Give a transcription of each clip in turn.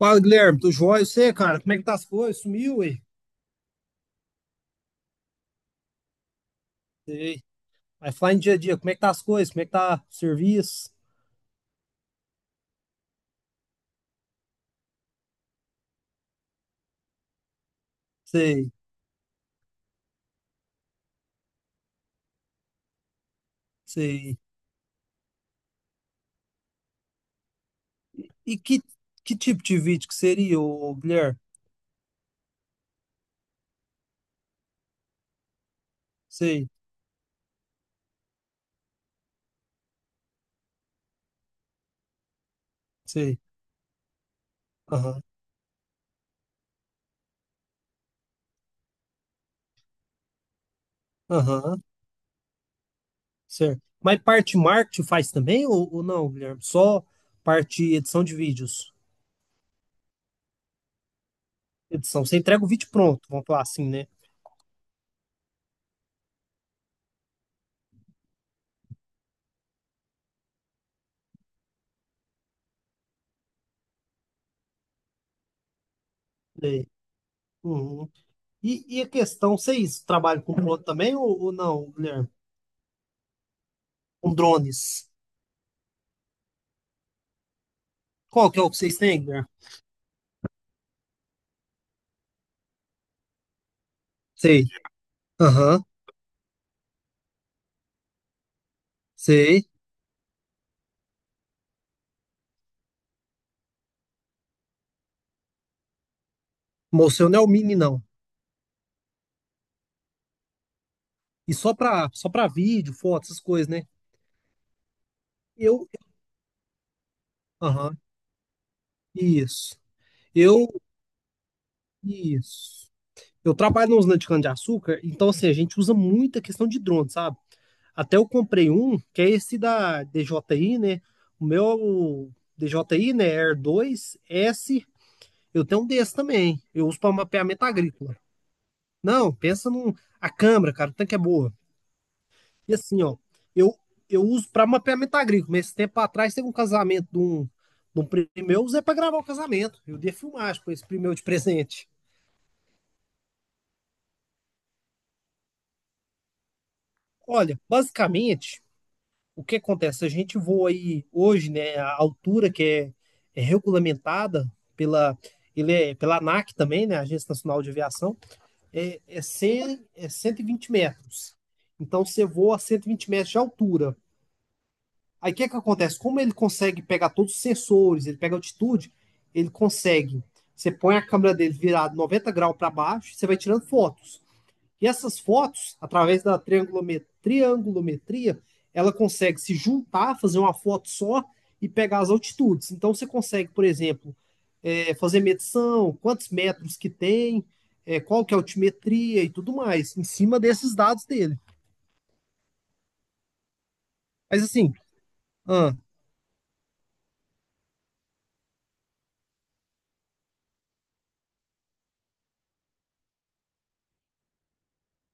Fala, Guilherme, tudo jóia? E você, cara, como é que tá as coisas? Sumiu, ué? Sei. Vai falar em dia a dia, como é que tá as coisas? Como é que tá o serviço? Sei, sei. E que tipo de vídeo que seria, ô, Guilherme? Sei, sei. Aham, aham, certo. Mas parte marketing faz também ou não, Guilherme? Só parte edição de vídeos. Edição, você entrega o vídeo pronto, vamos falar assim, né? Sei. Uhum. E a questão, vocês trabalham com drone também ou não, Guilherme? Com drones? Qual que é o que vocês têm, Guilherme? Sei. Aham. Sei. Mostrou não é o mini, não. E só pra vídeo, foto, essas coisas, né? Eu. Aham. Isso. Eu. Isso. Eu trabalho na usina de cana-de-açúcar, então, assim, a gente usa muito a questão de drone, sabe? Até eu comprei um, que é esse da DJI, né? O meu é o DJI, né? Air dois s. Eu tenho um desse também. Eu uso para mapeamento agrícola. Não, pensa num. A câmera, cara, o tanque é boa. E assim, ó, eu, eu uso para mapeamento agrícola. Mas esse tempo atrás teve um casamento de um primo meu, eu usei para gravar o casamento. Eu dei filmagem com esse primo meu de presente. Olha, basicamente, o que acontece? A gente voa aí hoje, né? A altura que é regulamentada pela, pela ANAC também, né? Agência Nacional de Aviação, 100, é 120 metros. Então você voa a 120 metros de altura. Aí o que, é que acontece? Como ele consegue pegar todos os sensores, ele pega altitude, ele consegue. Você põe a câmera dele virada 90 graus para baixo, você vai tirando fotos. E essas fotos, através da triangulometria, ela consegue se juntar, fazer uma foto só e pegar as altitudes. Então você consegue, por exemplo, fazer medição, quantos metros que tem, qual que é a altimetria e tudo mais, em cima desses dados dele. Mas assim, ah,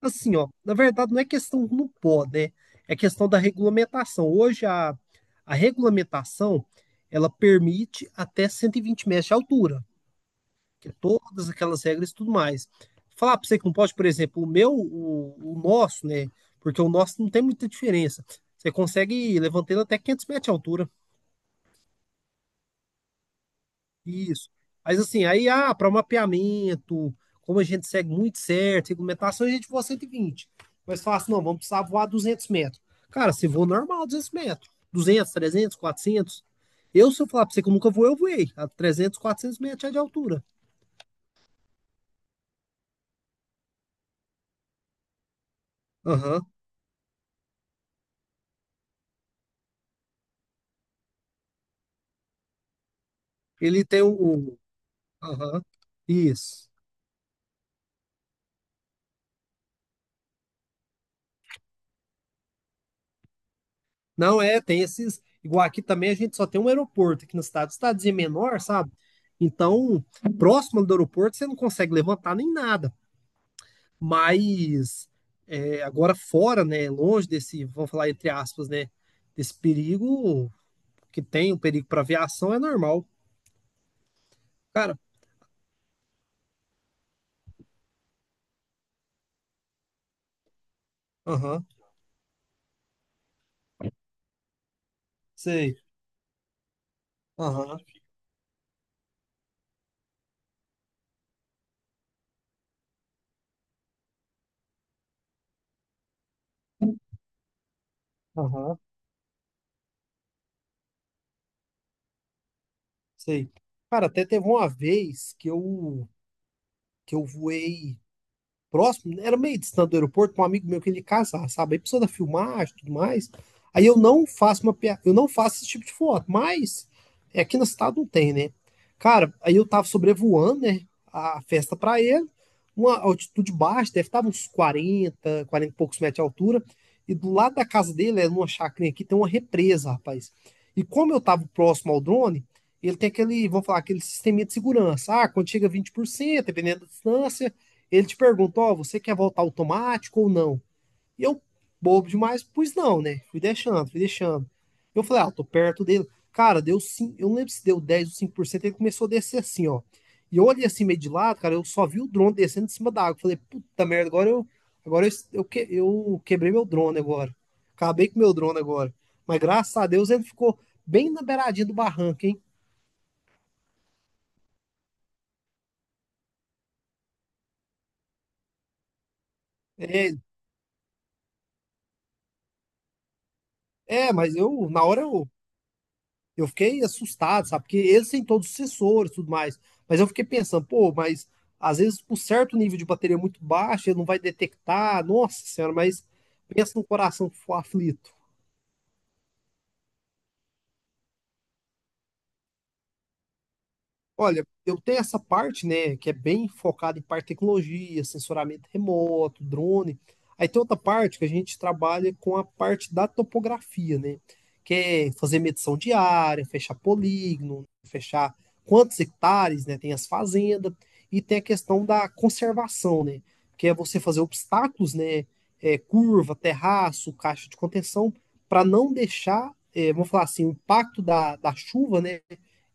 Assim, ó, na verdade não é questão do não pode, né? É questão da regulamentação. Hoje a regulamentação, ela permite até 120 metros de altura, que é todas aquelas regras e tudo mais. Falar para você que não pode, por exemplo, o meu, o nosso, né? Porque o nosso não tem muita diferença. Você consegue levantar ele até 500 metros de altura. Isso. Mas assim, aí, para mapeamento, como a gente segue muito certo, regulamentação, a gente voa 120. Mas fala assim, não, vamos precisar voar 200 metros. Cara, você voa normal 200 metros. 200, 300, 400. Se eu falar pra você que eu nunca voei, eu voei. A 300, 400 metros já é de altura. Aham. Ele tem o- Aham. Isso. Não é, tem esses. Igual aqui também a gente só tem um aeroporto aqui na cidade. Cidadezinha menor, sabe? Então, próximo do aeroporto, você não consegue levantar nem nada. Mas agora fora, né, longe desse, vamos falar entre aspas, né, desse perigo que tem, o perigo para aviação é normal. Cara, aham, sei, aham, aham, sei. Cara, até teve uma vez que eu voei próximo, né, era meio distante do aeroporto, pra um amigo meu que ele ia casar, sabe? Aí precisou da filmagem e tudo mais. Aí eu não faço eu não faço esse tipo de foto, mas aqui na cidade não tem, né? Cara, aí eu tava sobrevoando, né, a festa pra ele, uma altitude baixa, deve estar uns 40 e poucos metros de altura, e do lado da casa dele, é numa chacrinha aqui, tem uma represa, rapaz. E como eu tava próximo ao drone, ele tem aquele, vamos falar, aquele sisteminha de segurança. Ah, quando chega a 20% dependendo da distância, ele te pergunta, ó, você quer voltar automático ou não? E eu, bobo demais, pois não, né? Fui deixando, fui deixando. Eu falei, ah, eu tô perto dele. Cara, deu 5, eu não lembro se deu 10 ou 5%. Ele começou a descer assim, ó. E eu olhei assim meio de lado, cara, eu só vi o drone descendo de cima da água. Falei, puta merda, agora eu eu quebrei meu drone agora. Acabei com meu drone agora. Mas graças a Deus ele ficou bem na beiradinha do barranco, hein? É, mas eu, na hora eu fiquei assustado, sabe? Porque eles têm todos os sensores e tudo mais. Mas eu fiquei pensando, pô, mas às vezes por certo nível de bateria é muito baixo, ele não vai detectar. Nossa senhora, mas pensa no coração que for aflito. Olha, eu tenho essa parte, né, que é bem focada em parte de tecnologia, sensoramento remoto, drone. Aí tem outra parte que a gente trabalha com a parte da topografia, né, que é fazer medição de área, fechar polígono, fechar quantos hectares, né, tem as fazendas, e tem a questão da conservação, né, que é você fazer obstáculos, né, curva, terraço, caixa de contenção, para não deixar, vamos falar assim, o impacto da chuva, né,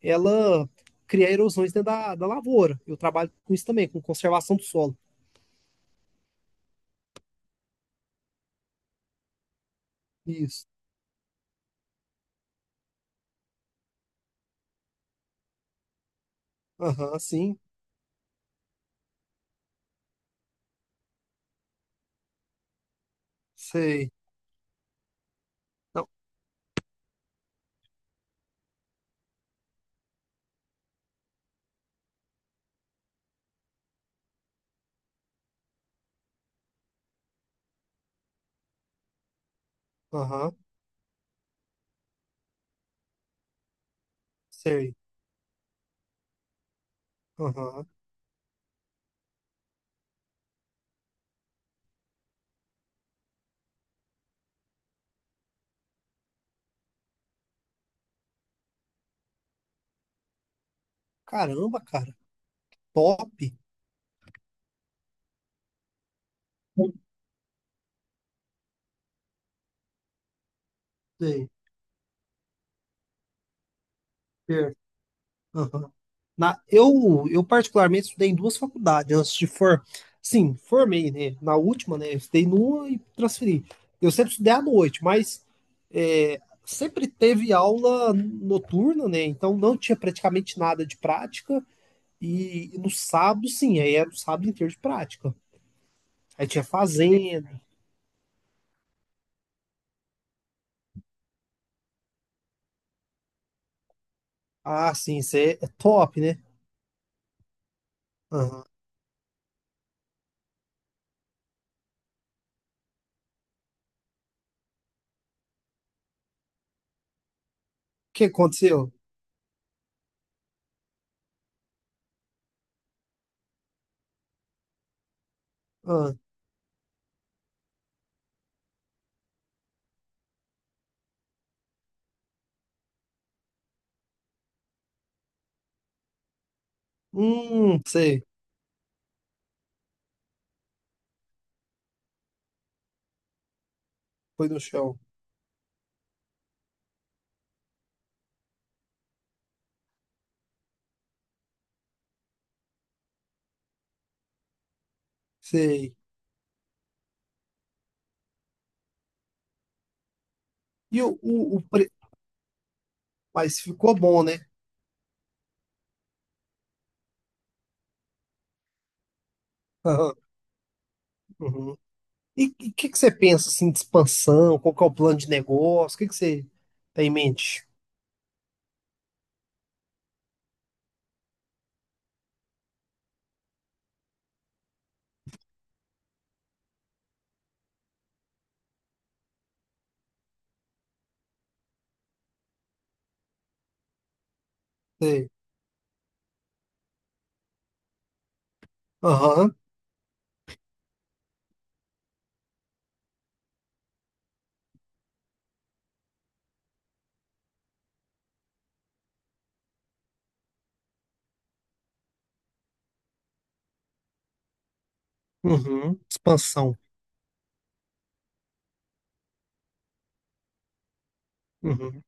ela cria erosões dentro da lavoura. Eu trabalho com isso também, com conservação do solo. Isso. Aham, sim. Sei. Aham, sei. Aham. Caramba, cara. Top. Sei. Certo. Aham. Eu particularmente estudei em duas faculdades antes de sim, formei, né? Na última, né? Eu estudei numa e transferi. Eu sempre estudei à noite, mas sempre teve aula noturna, né? Então não tinha praticamente nada de prática. E no sábado, sim, aí era o sábado inteiro de prática. Aí tinha fazenda. Ah, sim, isso é top, né? Aham. O que aconteceu? Ah, sei. Foi no chão. Sei. E o, o, o pre- Mas ficou bom, né? Aham. Uhum. E o que, que você pensa, assim, de expansão? Qual que é o plano de negócio? O que, que você tem em mente? Sei. Aham. Uhum. Expansão. Uhum.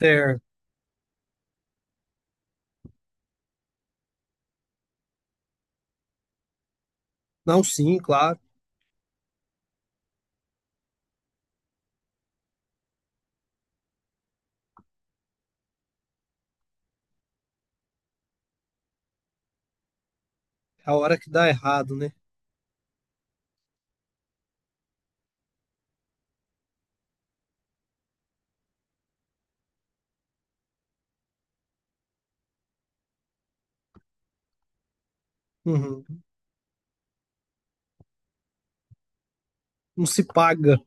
Certo. Não, sim, claro. É a hora que dá errado, né? Uhum. Não se paga.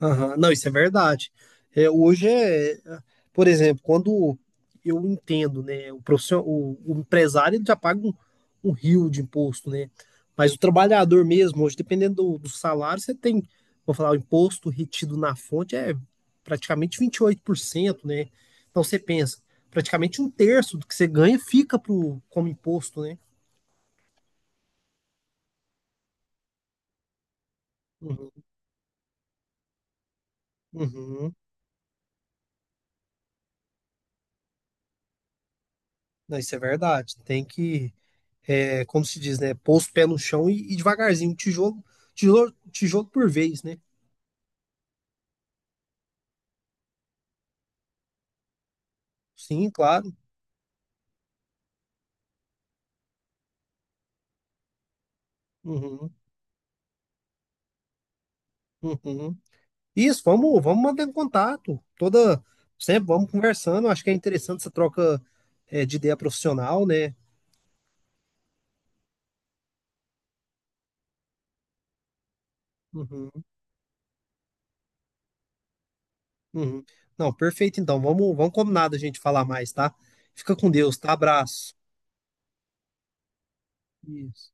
Aham. Não, isso é verdade. É, hoje é, por exemplo, quando eu entendo, né, o profissional, o empresário ele já paga um rio de imposto, né? Mas o trabalhador mesmo, hoje, dependendo do salário, você tem, vou falar, o imposto retido na fonte é praticamente 28%, né? Então você pensa, praticamente um terço do que você ganha fica pro, como imposto, né? Uhum, uhum. Não, isso é verdade. Tem que como se diz, né? Pôr os pés no chão e devagarzinho, um tijolo, tijolo, tijolo por vez, né? Sim, claro. Uhum, uhum. Isso, vamos mantendo contato. Sempre vamos conversando. Acho que é interessante essa troca, de ideia profissional, né? Uhum, uhum. Não, perfeito, então. Vamos combinar da gente falar mais, tá? Fica com Deus, tá? Abraço. Isso.